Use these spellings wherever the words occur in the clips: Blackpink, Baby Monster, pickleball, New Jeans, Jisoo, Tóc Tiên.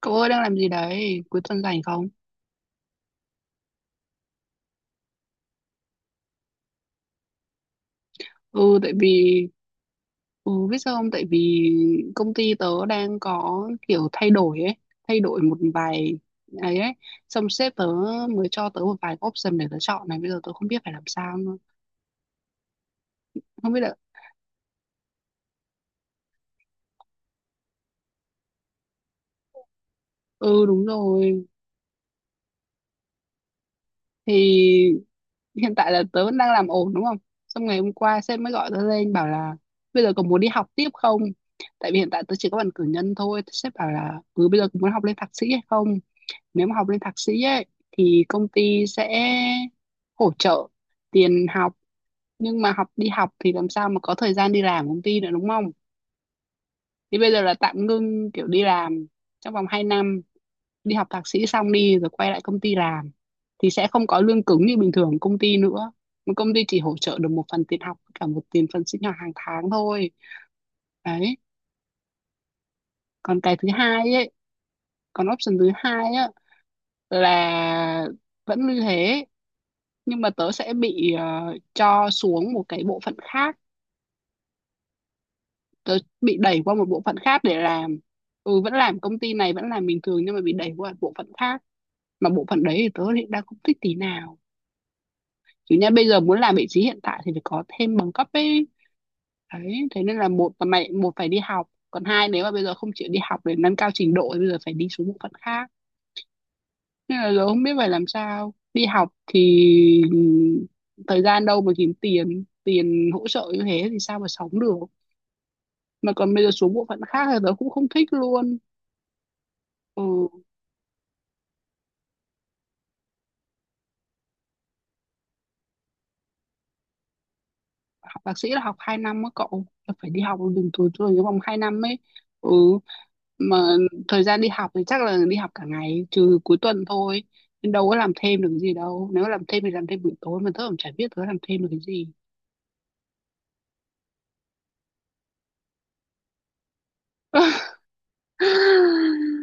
Cậu ơi đang làm gì đấy? Cuối tuần rảnh không? Ừ, tại vì... Ừ, biết sao không? Tại vì công ty tớ đang có kiểu thay đổi ấy. Thay đổi một vài... ấy ấy. Xong sếp tớ mới cho tớ một vài option để tớ chọn này. Bây giờ tớ không biết phải làm sao nữa. Không biết là... Ừ, đúng rồi. Thì hiện tại là tớ vẫn đang làm ổn đúng không, xong ngày hôm qua sếp mới gọi tớ lên bảo là bây giờ còn muốn đi học tiếp không, tại vì hiện tại tớ chỉ có bằng cử nhân thôi. Sếp bảo là ừ bây giờ còn muốn học lên thạc sĩ hay không. Nếu mà học lên thạc sĩ ấy thì công ty sẽ hỗ trợ tiền học, nhưng mà học đi học thì làm sao mà có thời gian đi làm công ty nữa đúng không. Thì bây giờ là tạm ngưng kiểu đi làm trong vòng 2 năm, đi học thạc sĩ xong đi rồi quay lại công ty làm thì sẽ không có lương cứng như bình thường công ty nữa, mà công ty chỉ hỗ trợ được một phần tiền học với cả một tiền phần sinh hoạt hàng tháng thôi. Đấy, còn cái thứ hai ấy. Còn option thứ hai á, là vẫn như thế nhưng mà tớ sẽ bị cho xuống một cái bộ phận khác, tớ bị đẩy qua một bộ phận khác để làm. Ừ vẫn làm công ty này, vẫn làm bình thường nhưng mà bị đẩy qua bộ phận khác, mà bộ phận đấy thì tớ đang không thích tí nào. Chứ nha bây giờ muốn làm vị trí hiện tại thì phải có thêm bằng cấp ấy. Đấy thế nên là một là mày một phải đi học, còn hai nếu mà bây giờ không chịu đi học để nâng cao trình độ thì bây giờ phải đi xuống bộ phận khác. Nên là giờ không biết phải làm sao, đi học thì ừ, thời gian đâu mà kiếm tiền tiền hỗ trợ như thế thì sao mà sống được, mà còn bây giờ xuống bộ phận khác thì tớ cũng không thích luôn. Ừ học thạc sĩ là học 2 năm á cậu, là phải đi học đường từ trường trong vòng 2 năm ấy. Ừ mà thời gian đi học thì chắc là đi học cả ngày trừ cuối tuần thôi, nên đâu có làm thêm được cái gì đâu. Nếu làm thêm thì làm thêm buổi tối, mà tớ cũng chả biết tớ làm thêm được cái gì.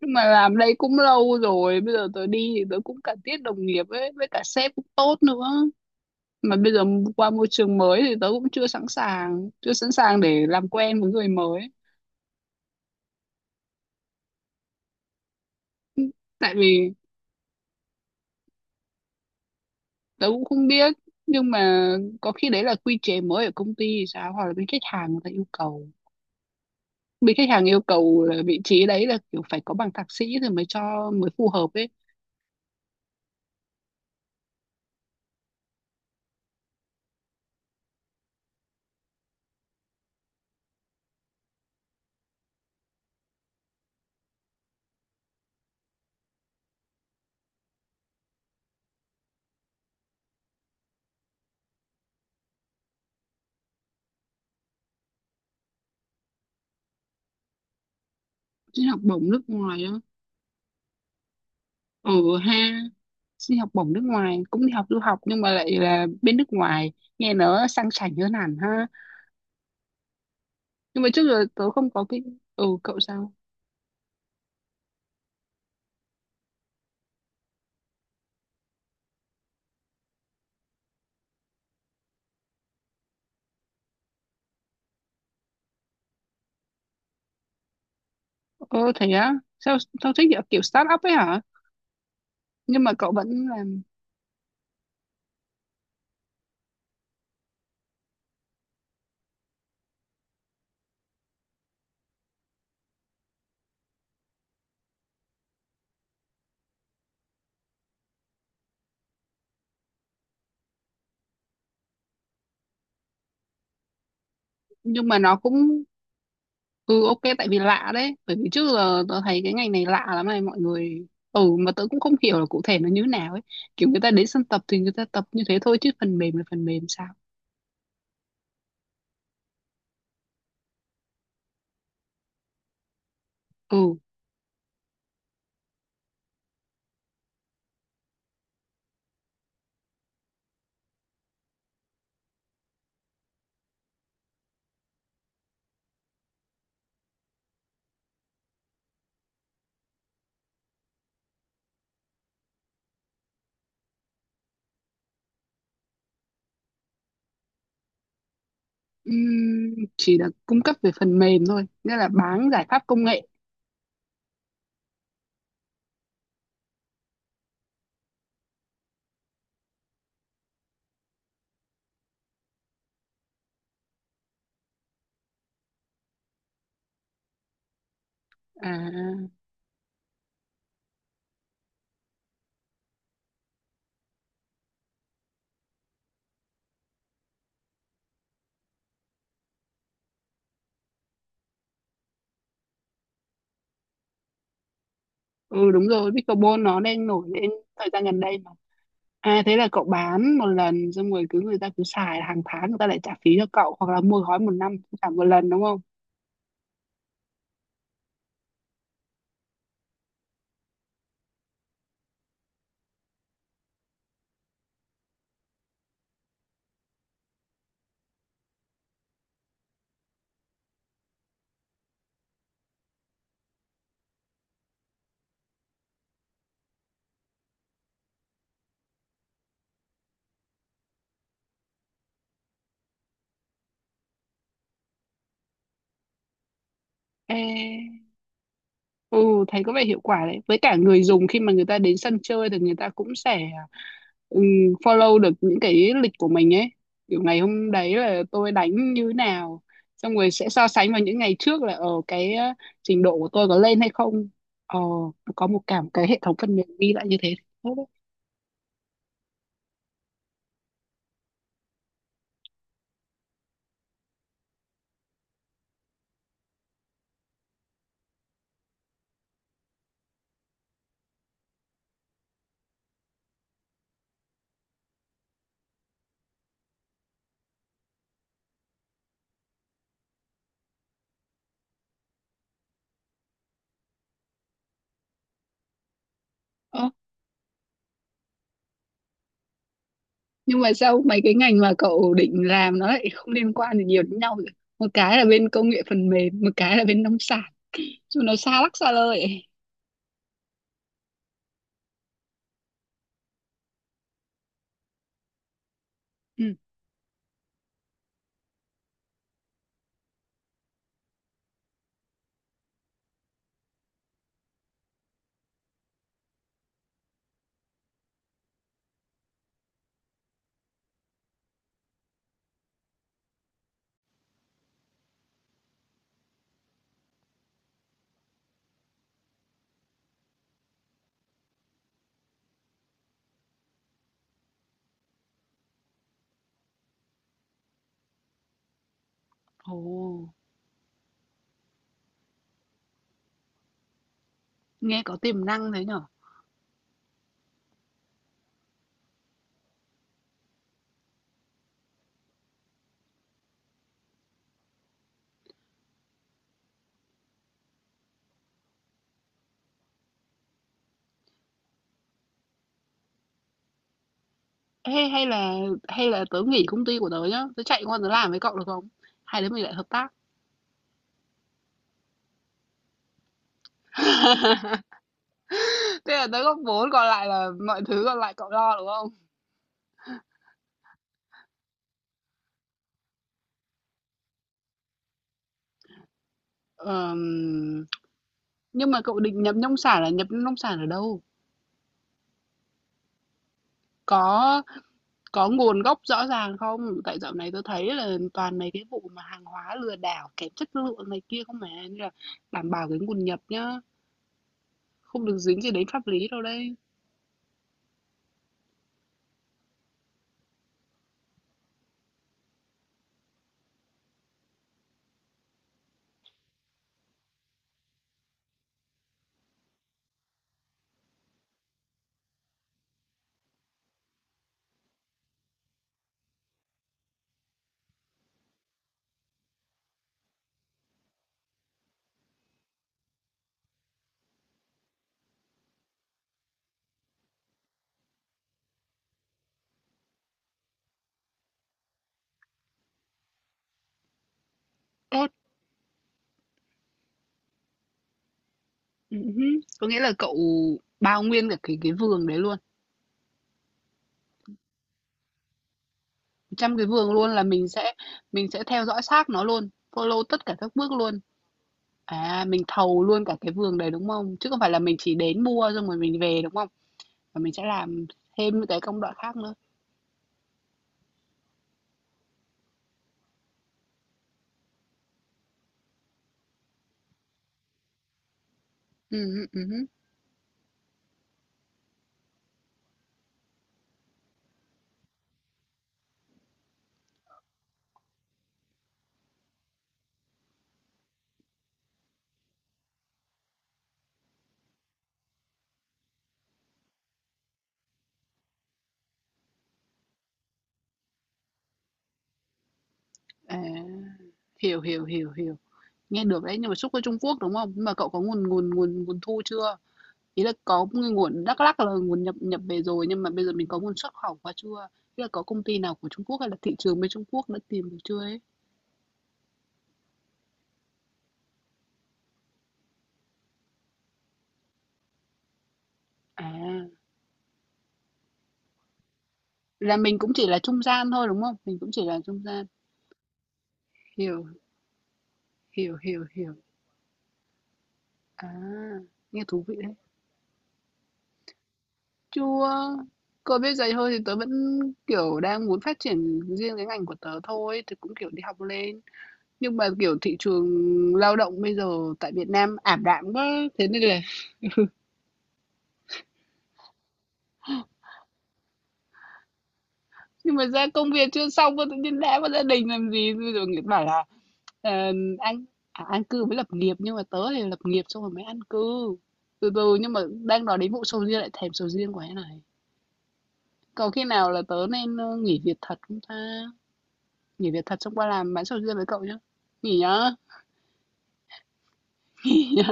Nhưng mà làm đây cũng lâu rồi, bây giờ tớ đi thì tớ cũng cả tiết đồng nghiệp ấy với cả sếp cũng tốt nữa. Mà bây giờ qua môi trường mới thì tớ cũng chưa sẵn sàng để làm quen với người mới. Tại vì tớ cũng không biết, nhưng mà có khi đấy là quy chế mới ở công ty thì sao, hoặc là bên khách hàng người ta yêu cầu. Bên khách hàng yêu cầu là vị trí đấy là kiểu phải có bằng thạc sĩ thì mới cho, mới phù hợp ấy. Xin học bổng nước ngoài á? Ừ ha, xin học bổng nước ngoài cũng đi học du học nhưng mà lại là bên nước ngoài, nghe nó sang chảnh hơn hẳn ha. Nhưng mà trước giờ tớ không có cái... ừ cậu sao? Ờ thế á? Sao sao thích kiểu kiểu start up ấy hả? Nhưng mà cậu vẫn làm. Nhưng mà nó cũng... Ừ ok, tại vì lạ đấy, bởi vì trước giờ tớ thấy cái ngành này lạ lắm này mọi người, ừ mà tớ cũng không hiểu là cụ thể nó như nào ấy. Kiểu người ta đến sân tập thì người ta tập như thế thôi, chứ phần mềm là phần mềm sao? Ừ, ừm, chỉ là cung cấp về phần mềm thôi, nghĩa là bán giải pháp công nghệ à? Ừ đúng rồi, pickleball nó đang nổi lên thời gian gần đây mà. À thế là cậu bán một lần xong rồi cứ người ta cứ xài hàng tháng người ta lại trả phí cho cậu, hoặc là mua gói một năm cũng trả một lần đúng không? Ê, ừ, thấy có vẻ hiệu quả đấy. Với cả người dùng khi mà người ta đến sân chơi thì người ta cũng sẽ ừm, follow được những cái lịch của mình ấy. Kiểu ngày hôm đấy là tôi đánh như nào. Xong rồi sẽ so sánh vào những ngày trước là ở cái trình độ của tôi có lên hay không. Ờ, có một cả một cái hệ thống phần mềm ghi lại như thế. Tốt đấy. Ờ, nhưng mà sao mấy cái ngành mà cậu định làm nó lại không liên quan gì nhiều đến nhau vậy? Một cái là bên công nghệ phần mềm, một cái là bên nông sản. Chứ nó xa lắc xa lơi ấy. Ừ. Ồ. Nghe có tiềm năng thế nhở? Ê, hay là tớ nghỉ công ty của tớ nhá, tớ chạy qua tớ làm với cậu được không? Hai đứa mình lại hợp tác. Thế là tớ góp vốn còn lại là mọi thứ còn lại cậu lo đúng không? Ờm, nhưng mà cậu định nhập nông sản là nhập nông sản ở đâu? Có có nguồn gốc rõ ràng không? Tại dạo này tớ thấy là toàn mấy cái vụ mà hàng hóa lừa đảo kém chất lượng này kia không mà, nên là đảm bảo cái nguồn nhập nhá, không được dính gì đến pháp lý đâu đây. Ê, ừm hứm. Có nghĩa là cậu bao nguyên cả cái vườn đấy luôn, 100 cái vườn luôn là mình sẽ theo dõi sát nó luôn, follow tất cả các bước luôn. À, mình thầu luôn cả cái vườn đấy, đúng không? Chứ không phải là mình chỉ đến mua xong rồi mình về, đúng không? Và mình sẽ làm thêm những cái công đoạn khác nữa. Hứm, hứm. À, hiểu, hiểu, hiểu, hiểu. Nghe được đấy, nhưng mà xuất qua Trung Quốc, đúng không? Nhưng mà cậu có nguồn nguồn nguồn nguồn thu chưa? Ý là có một cái nguồn Đắk Lắk là nguồn nhập nhập về rồi, nhưng mà bây giờ mình có nguồn xuất khẩu qua chưa? Ý là có công ty nào của Trung Quốc hay là thị trường bên Trung Quốc đã tìm được chưa ấy? À, là mình cũng chỉ là trung gian thôi đúng không? Mình cũng chỉ là trung gian. Hiểu, hiểu, hiểu, hiểu. À, nghe thú vị đấy. Chưa. Còn bây giờ thôi thì tớ vẫn kiểu đang muốn phát triển riêng cái ngành của tớ thôi, thì cũng kiểu đi học lên. Nhưng mà kiểu thị trường lao động bây giờ tại Việt Nam ảm đạm quá, thế nên là nhưng mà ra công việc chưa xong mà tự nhiên đá vào gia đình làm gì rồi người ta bảo là ờ, anh à, an cư với lập nghiệp, nhưng mà tớ thì lập nghiệp xong rồi mới an cư từ từ. Nhưng mà đang nói đến vụ sầu riêng lại thèm sầu riêng quá này, có khi nào là tớ nên nghỉ việc thật không ta, nghỉ việc thật xong qua làm bán sầu riêng với cậu nhá. Nghỉ nhá. Nghỉ nhá.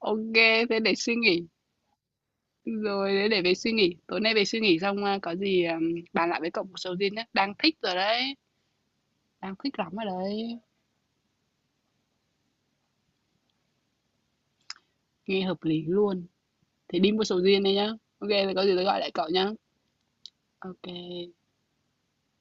Ok thế để suy nghĩ, rồi để về suy nghĩ tối nay, về suy nghĩ xong ờ, có gì ờ, bàn lại với cậu một sầu riêng nhé, đang thích rồi đấy, đang thích lắm rồi đấy. Nghe hợp lý luôn. Thì đi mua sầu riêng đây nhá. Ok thì có gì tôi gọi lại cậu nhá. Ok.